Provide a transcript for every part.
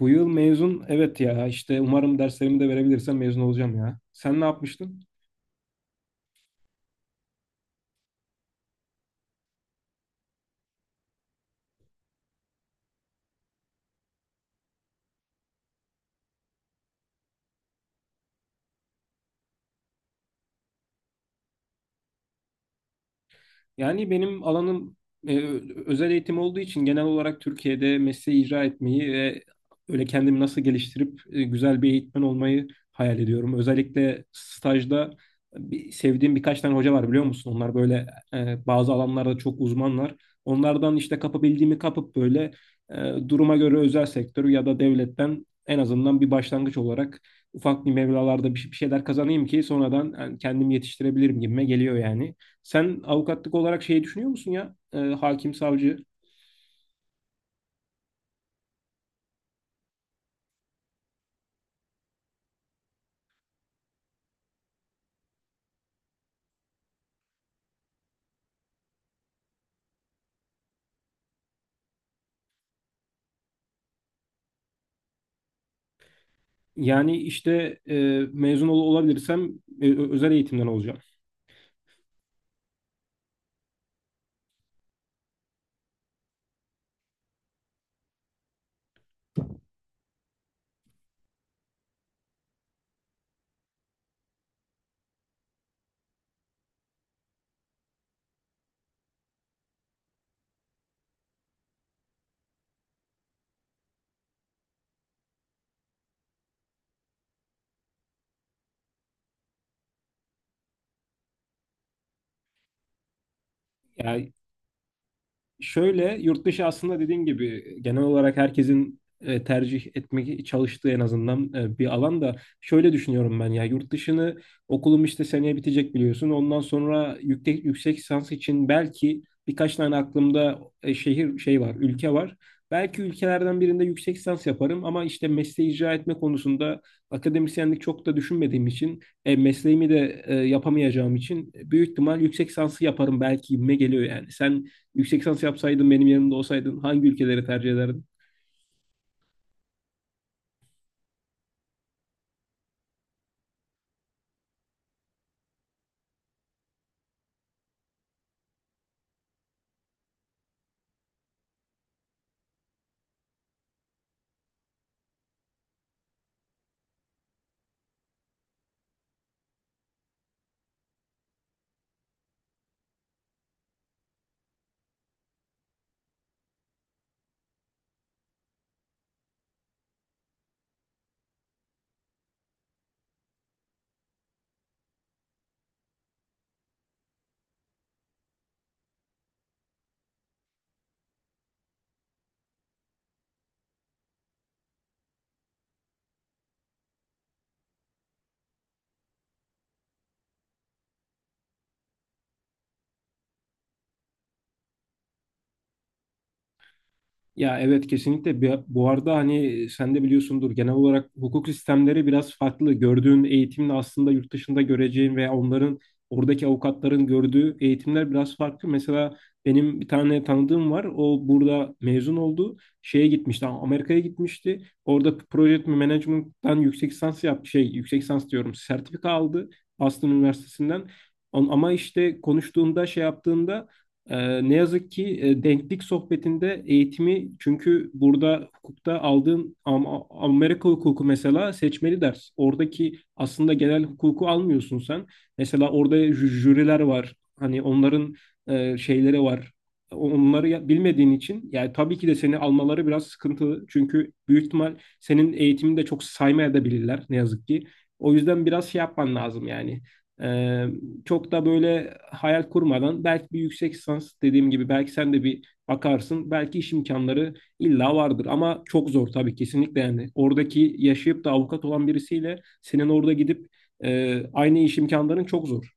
Bu yıl mezun, evet ya işte umarım derslerimi de verebilirsem mezun olacağım ya. Sen ne yapmıştın? Yani benim alanım e, özel eğitim olduğu için genel olarak Türkiye'de mesleği icra etmeyi ve öyle kendimi nasıl geliştirip güzel bir eğitmen olmayı hayal ediyorum. Özellikle stajda sevdiğim birkaç tane hoca var, biliyor musun? Onlar böyle bazı alanlarda çok uzmanlar. Onlardan işte kapabildiğimi kapıp böyle duruma göre özel sektör ya da devletten en azından bir başlangıç olarak ufak bir meblalarda bir şeyler kazanayım ki sonradan yani kendimi yetiştirebilirim gibime geliyor yani. Sen avukatlık olarak şey düşünüyor musun ya? E, hakim, savcı. Yani işte mezun olabilirsem özel eğitimden olacağım. Ya, şöyle, yurt dışı aslında dediğin gibi genel olarak herkesin tercih etmek çalıştığı en azından bir alan da, şöyle düşünüyorum ben ya yurt dışını, okulum işte seneye bitecek biliyorsun. Ondan sonra yüksek lisans için belki birkaç tane aklımda şehir şey var, ülke var. Belki ülkelerden birinde yüksek lisans yaparım ama işte mesleği icra etme konusunda akademisyenlik çok da düşünmediğim için mesleğimi de yapamayacağım için büyük ihtimal yüksek lisansı yaparım belki gibime geliyor yani. Sen yüksek lisans yapsaydın, benim yanımda olsaydın, hangi ülkeleri tercih ederdin? Ya evet, kesinlikle. Bu arada hani sen de biliyorsundur, genel olarak hukuk sistemleri biraz farklı. Gördüğün eğitimle aslında yurt dışında göreceğin veya onların oradaki avukatların gördüğü eğitimler biraz farklı. Mesela benim bir tane tanıdığım var. O burada mezun oldu. Şeye gitmişti. Amerika'ya gitmişti. Orada Project Management'tan yüksek lisans yaptı. Şey, yüksek lisans diyorum, sertifika aldı Boston Üniversitesi'nden. On. Ama işte konuştuğunda, şey yaptığında, ne yazık ki denklik sohbetinde eğitimi, çünkü burada hukukta aldığın Amerika hukuku mesela seçmeli ders. Oradaki aslında genel hukuku almıyorsun sen. Mesela orada jüriler var. Hani onların şeyleri var. Onları bilmediğin için yani tabii ki de seni almaları biraz sıkıntılı. Çünkü büyük ihtimal senin eğitimini de çok saymayabilirler, ne yazık ki. O yüzden biraz şey yapman lazım yani. Ee, çok da böyle hayal kurmadan, belki bir yüksek lisans, dediğim gibi, belki sen de bir bakarsın. Belki iş imkanları illa vardır ama çok zor tabii, kesinlikle yani. Oradaki yaşayıp da avukat olan birisiyle senin orada gidip aynı iş imkanların çok zor.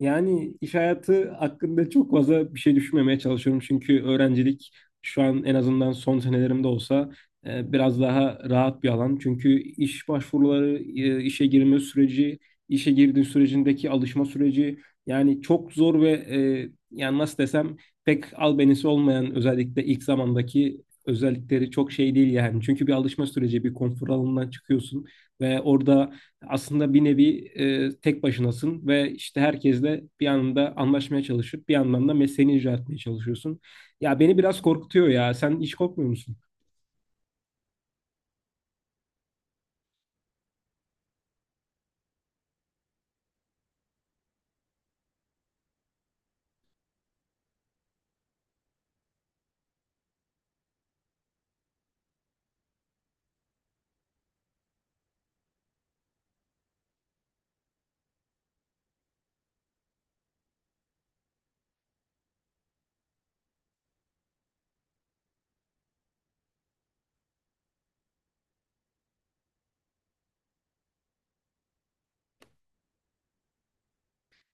Yani iş hayatı hakkında çok fazla bir şey düşünmemeye çalışıyorum. Çünkü öğrencilik, şu an en azından son senelerimde olsa biraz daha rahat bir alan. Çünkü iş başvuruları, işe girme süreci, işe girdiğin sürecindeki alışma süreci, yani çok zor ve yani nasıl desem, pek albenisi olmayan, özellikle ilk zamandaki özellikleri çok şey değil yani. Çünkü bir alışma süreci, bir konfor alanından çıkıyorsun ve orada aslında bir nevi tek başınasın ve işte herkesle bir anında anlaşmaya çalışıp bir yandan da mesleğini icra etmeye çalışıyorsun. Ya beni biraz korkutuyor ya. Sen hiç korkmuyor musun?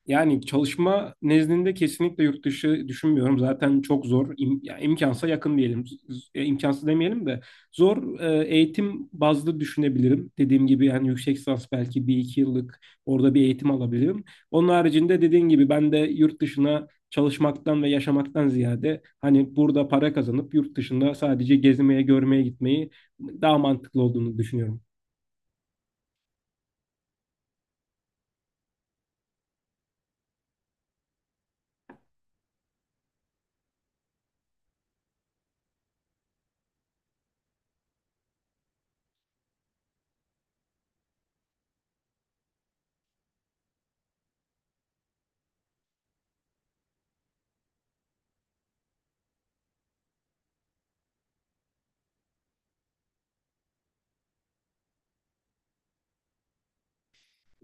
Yani çalışma nezdinde kesinlikle yurt dışı düşünmüyorum. Zaten çok zor. Ya imkansa yakın diyelim. İmkansız demeyelim de zor. E eğitim bazlı düşünebilirim. Dediğim gibi yani yüksek lisans belki bir iki yıllık orada bir eğitim alabilirim. Onun haricinde dediğim gibi ben de yurt dışına çalışmaktan ve yaşamaktan ziyade hani burada para kazanıp yurt dışında sadece gezmeye, görmeye gitmeyi daha mantıklı olduğunu düşünüyorum.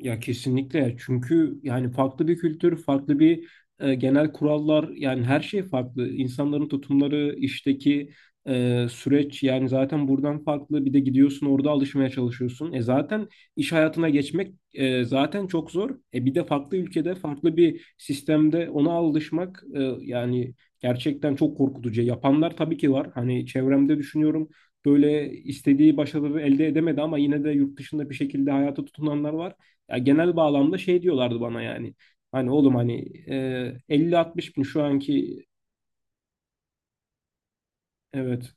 Ya kesinlikle, çünkü yani farklı bir kültür, farklı bir genel kurallar, yani her şey farklı. İnsanların tutumları, işteki süreç, yani zaten buradan farklı. Bir de gidiyorsun, orada alışmaya çalışıyorsun. Zaten iş hayatına geçmek zaten çok zor. Bir de farklı ülkede, farklı bir sistemde ona alışmak, yani gerçekten çok korkutucu. Yapanlar tabii ki var. Hani çevremde düşünüyorum, böyle istediği başarıları elde edemedi ama yine de yurt dışında bir şekilde hayata tutunanlar var. Ya genel bağlamda şey diyorlardı bana yani. Hani oğlum hani 50-60 bin şu anki. Evet.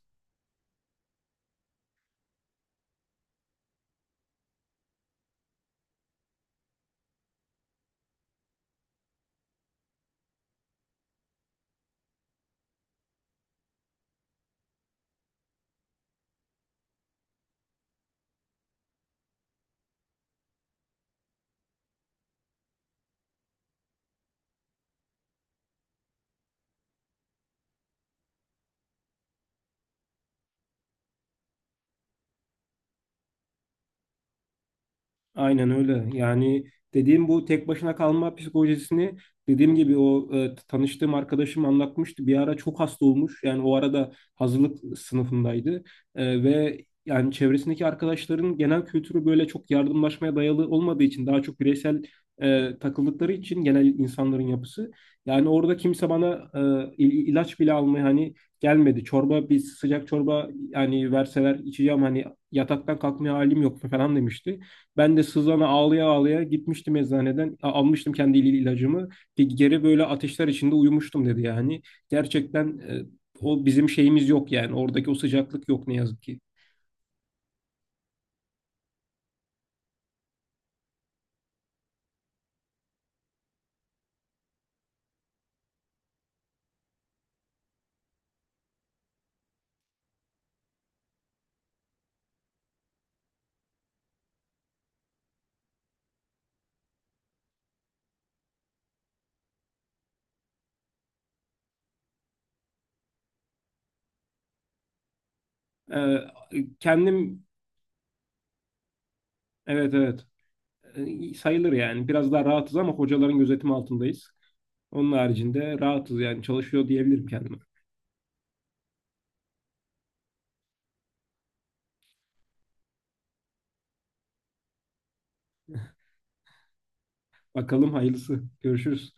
Aynen öyle. Yani dediğim bu tek başına kalma psikolojisini, dediğim gibi, o tanıştığım arkadaşım anlatmıştı. Bir ara çok hasta olmuş. Yani o arada hazırlık sınıfındaydı. Ve yani çevresindeki arkadaşların genel kültürü böyle çok yardımlaşmaya dayalı olmadığı için, daha çok bireysel takıldıkları için genel insanların yapısı. Yani orada kimse bana ilaç bile almaya hani gelmedi. Bir sıcak çorba yani verseler içeceğim, hani yataktan kalkmaya halim yok falan demişti. Ben de sızana ağlaya ağlaya gitmiştim eczaneden. Almıştım kendi ilacımı. Geri böyle ateşler içinde uyumuştum dedi yani. Gerçekten o bizim şeyimiz yok yani. Oradaki o sıcaklık yok, ne yazık ki. Ee, kendim. Evet, evet. Sayılır yani. Biraz daha rahatız ama hocaların gözetimi altındayız. Onun haricinde rahatız, yani çalışıyor diyebilirim kendime. Bakalım hayırlısı. Görüşürüz.